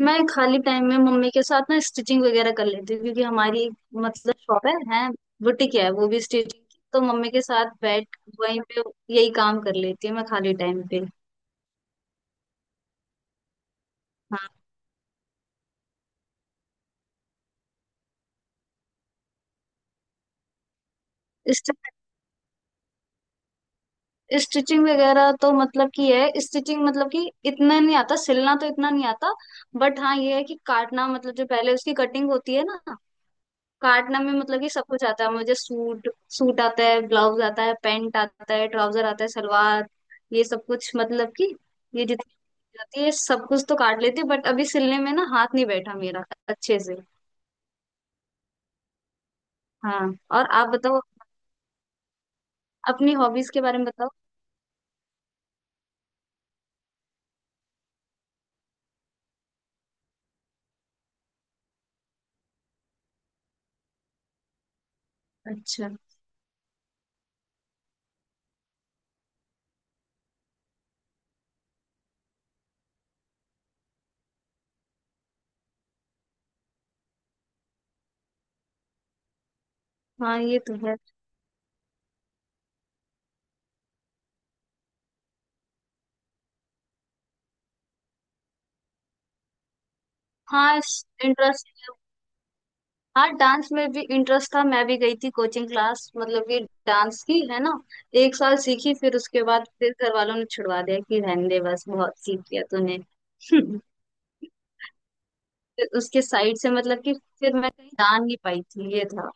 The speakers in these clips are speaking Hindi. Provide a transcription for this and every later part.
मैं खाली टाइम में मम्मी के साथ ना स्टिचिंग वगैरह कर लेती हूँ क्योंकि हमारी मतलब शॉप है बुटीक है। वो भी स्टिचिंग की तो मम्मी के साथ बैठ वहीं पे यही काम कर लेती हूँ मैं खाली टाइम पे। हाँ, स्टिचिंग वगैरह तो मतलब कि है, स्टिचिंग मतलब कि इतना नहीं आता, सिलना तो इतना नहीं आता। बट हाँ, ये है कि काटना, मतलब जो पहले उसकी कटिंग होती है ना, काटना में मतलब कि सब कुछ आता है मुझे। सूट, सूट आता है, ब्लाउज आता है, पैंट आता है, ट्राउजर आता है, सलवार, ये सब कुछ मतलब कि ये जित जाती है। सब कुछ तो काट लेती बट अभी सिलने में ना हाथ नहीं बैठा मेरा अच्छे से। हाँ। और आप बताओ अपनी हॉबीज के बारे में बताओ। अच्छा। हाँ ये तो है। हाँ। इंटरेस्ट, हाँ, डांस में भी इंटरेस्ट था, मैं भी गई थी कोचिंग क्लास, मतलब कि डांस की, है ना। एक साल सीखी, फिर उसके बाद फिर घर वालों ने छुड़वा दिया कि रहने दे बस बहुत सीख लिया तूने। फिर उसके साइड से मतलब कि फिर मैं कहीं जान नहीं पाई थी, ये था।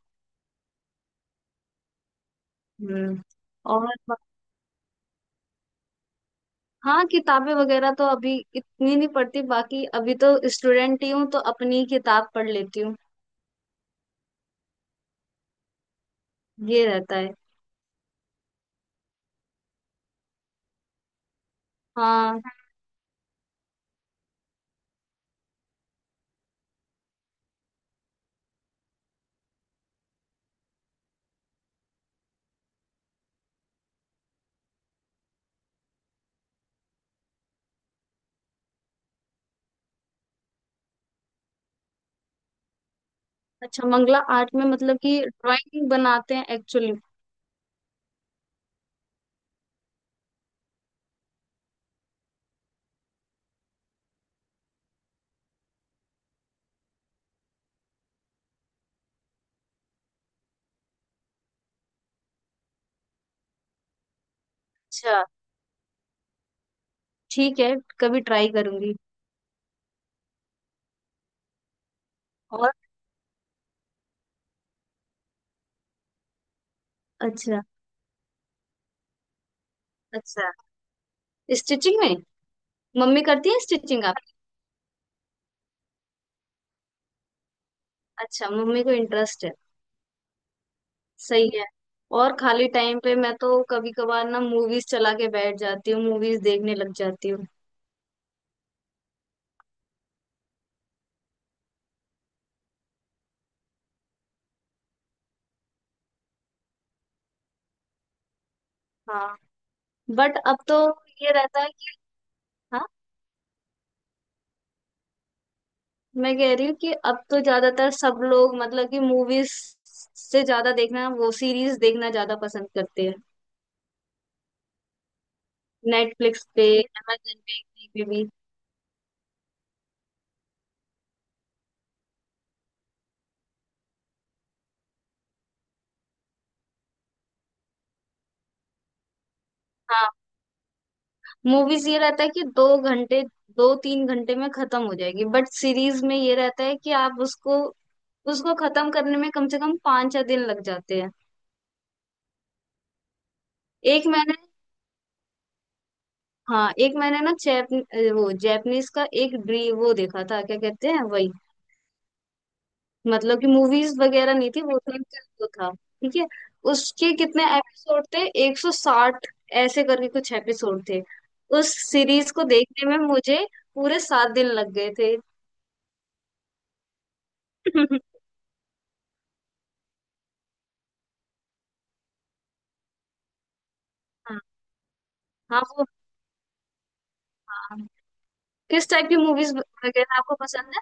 हम्म। और हाँ, किताबें वगैरह तो अभी इतनी नहीं पढ़ती, बाकी अभी तो स्टूडेंट ही हूँ तो अपनी ही किताब पढ़ लेती हूँ। ये रहता है। हाँ। अच्छा, मंगला आर्ट में मतलब कि ड्राइंग बनाते हैं एक्चुअली। अच्छा। ठीक है, कभी ट्राई करूंगी। और अच्छा अच्छा। स्टिचिंग में मम्मी करती है स्टिचिंग आप? अच्छा, मम्मी को इंटरेस्ट है। सही है। और खाली टाइम पे मैं तो कभी कभार ना मूवीज चला के बैठ जाती हूँ, मूवीज देखने लग जाती हूँ। हाँ, बट अब तो ये रहता है कि मैं कह रही हूँ कि अब तो ज्यादातर सब लोग मतलब कि मूवीज से ज्यादा देखना, वो सीरीज देखना ज्यादा पसंद करते हैं। नेटफ्लिक्स पे, amazon पे, कहीं पे भी। हाँ, मूवीज ये रहता है कि दो घंटे, दो तीन घंटे में खत्म हो जाएगी, बट सीरीज में ये रहता है कि आप उसको उसको खत्म करने में कम से कम पाँच छह दिन लग जाते हैं। एक मैंने हाँ, एक मैंने ना जैप वो जैपनीज का एक ड्री वो देखा था, क्या कहते हैं वही, मतलब कि मूवीज वगैरह नहीं थी वो तो, एक वो था ठीक है। उसके कितने एपिसोड थे, 160 ऐसे करके कुछ एपिसोड थे। उस सीरीज को देखने में मुझे पूरे सात दिन लग गए थे। हाँ। हाँ वो। हाँ। किस टाइप की मूवीज वगैरह आपको पसंद है?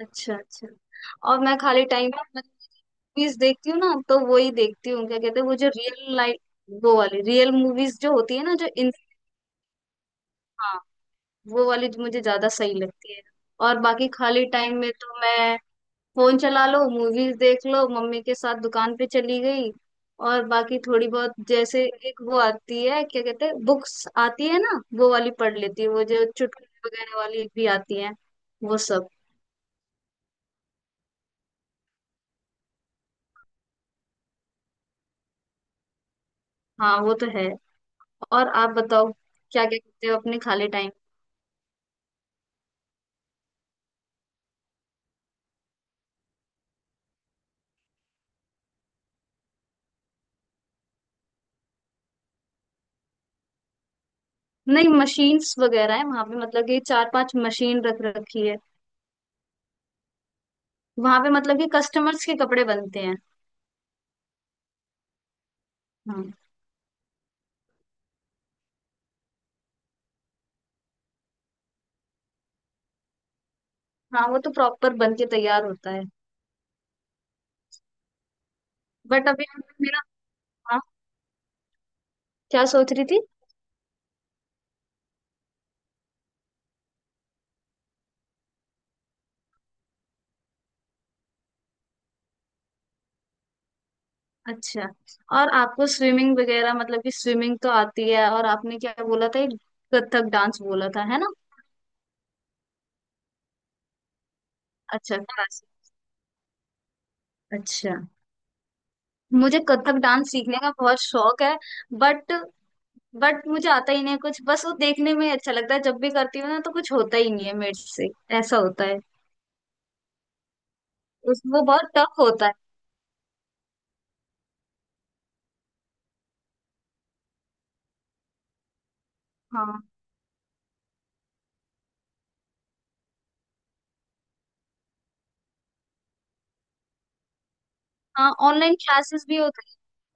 अच्छा अच्छा। और मैं खाली टाइम में मूवीज देखती हूँ ना तो वही देखती हूँ, क्या कहते हैं वो जो रियल लाइफ, वो वाली रियल मूवीज जो होती है ना, जो इन। हाँ, वो वाली तो मुझे ज्यादा सही लगती है। और बाकी खाली टाइम में तो मैं फोन चला लो, मूवीज देख लो, मम्मी के साथ दुकान पे चली गई। और बाकी थोड़ी बहुत जैसे एक वो आती है, क्या कहते हैं, बुक्स आती है ना वो वाली पढ़ लेती है, वो जो चुटकुले वगैरह वाली भी आती है वो सब। हाँ वो तो है। और आप बताओ क्या क्या करते हो अपने खाली टाइम। नहीं, मशीन्स वगैरह है वहां पे, मतलब कि चार पांच मशीन रख रखी है वहां पे, मतलब कि कस्टमर्स के कपड़े बनते हैं। हाँ। हाँ वो तो प्रॉपर बन के तैयार होता है। बट अभी मतलब मेरा, हाँ, क्या सोच रही थी। अच्छा, और आपको स्विमिंग वगैरह मतलब कि स्विमिंग तो आती है, और आपने क्या बोला था, एक कथक डांस बोला था है ना। अच्छा, क्लासिक, अच्छा, मुझे कथक डांस सीखने का बहुत शौक है। बट बट मुझे आता ही नहीं है कुछ, बस वो देखने में अच्छा लगता है, जब भी करती हूँ ना तो कुछ होता ही नहीं है मेरे से, ऐसा होता है। उस वो बहुत टफ होता है। हाँ, हाँ ऑनलाइन क्लासेस भी होते हैं।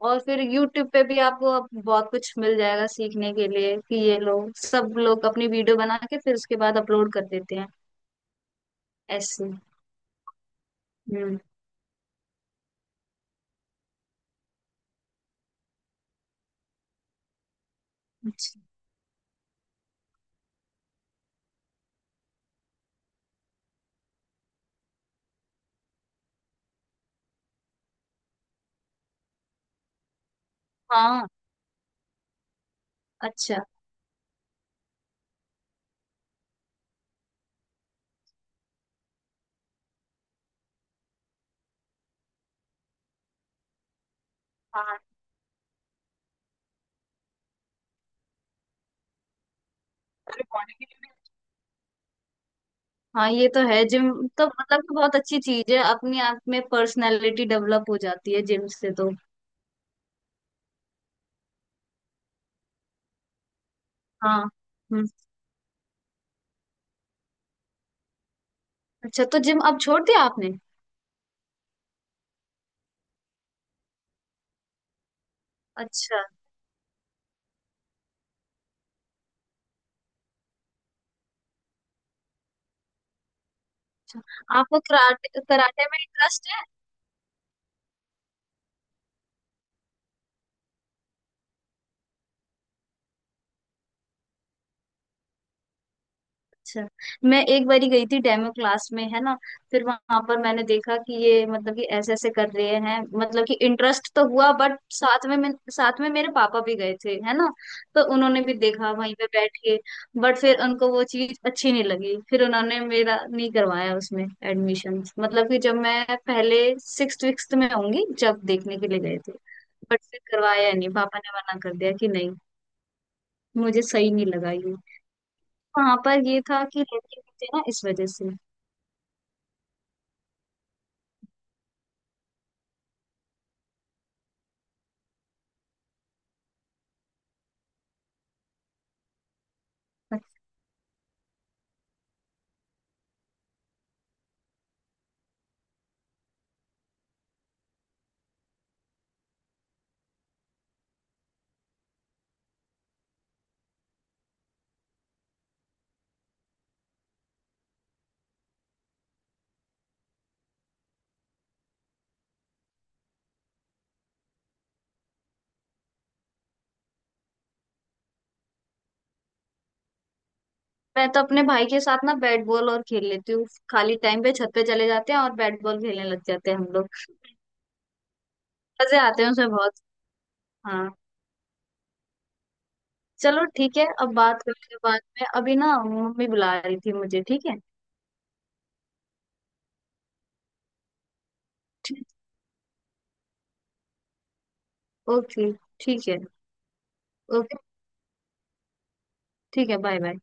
और फिर YouTube पे भी आपको अब बहुत कुछ मिल जाएगा सीखने के लिए कि ये लोग सब लोग अपनी वीडियो बना के फिर उसके बाद अपलोड कर देते हैं, ऐसे। हम्म। अच्छा। हाँ। अच्छा। हाँ, रिकॉर्डिंग के लिए भी। हाँ ये तो है, जिम तो मतलब कि बहुत अच्छी चीज है, अपने आप में पर्सनालिटी डेवलप हो जाती है जिम से तो। हाँ। हम्म। अच्छा तो जिम अब छोड़ दिया आपने। अच्छा अच्छा। आपको कराटे, कराटे में इंटरेस्ट है? अच्छा, मैं एक बारी गई थी डेमो क्लास में, है ना। फिर वहां पर मैंने देखा कि ये मतलब कि ऐसे ऐसे कर रहे हैं, मतलब कि इंटरेस्ट तो हुआ, बट साथ में मेरे पापा भी गए थे है ना, तो उन्होंने भी देखा वहीं पे बैठ के, बट फिर उनको वो चीज अच्छी नहीं लगी, फिर उन्होंने मेरा नहीं करवाया उसमें एडमिशन, मतलब कि जब मैं पहले सिक्स विक्स में होंगी जब देखने के लिए गए थे, बट फिर करवाया नहीं पापा ने, मना कर दिया कि नहीं मुझे सही नहीं लगा। वहां पर ये था कि लड़के नहीं थे ना, इस वजह से। मैं तो अपने भाई के साथ ना बैट बॉल और खेल लेती हूँ। खाली टाइम पे छत पे चले जाते हैं और बैट बॉल खेलने लग जाते हैं हम लोग। मजे आते हैं उसमें बहुत। हाँ। चलो ठीक है, अब बात करते हैं बाद में, अभी ना मम्मी बुला रही थी मुझे, ठीक है। ठीक। ओके। ठीक है। ओके। ठीक है, बाय बाय।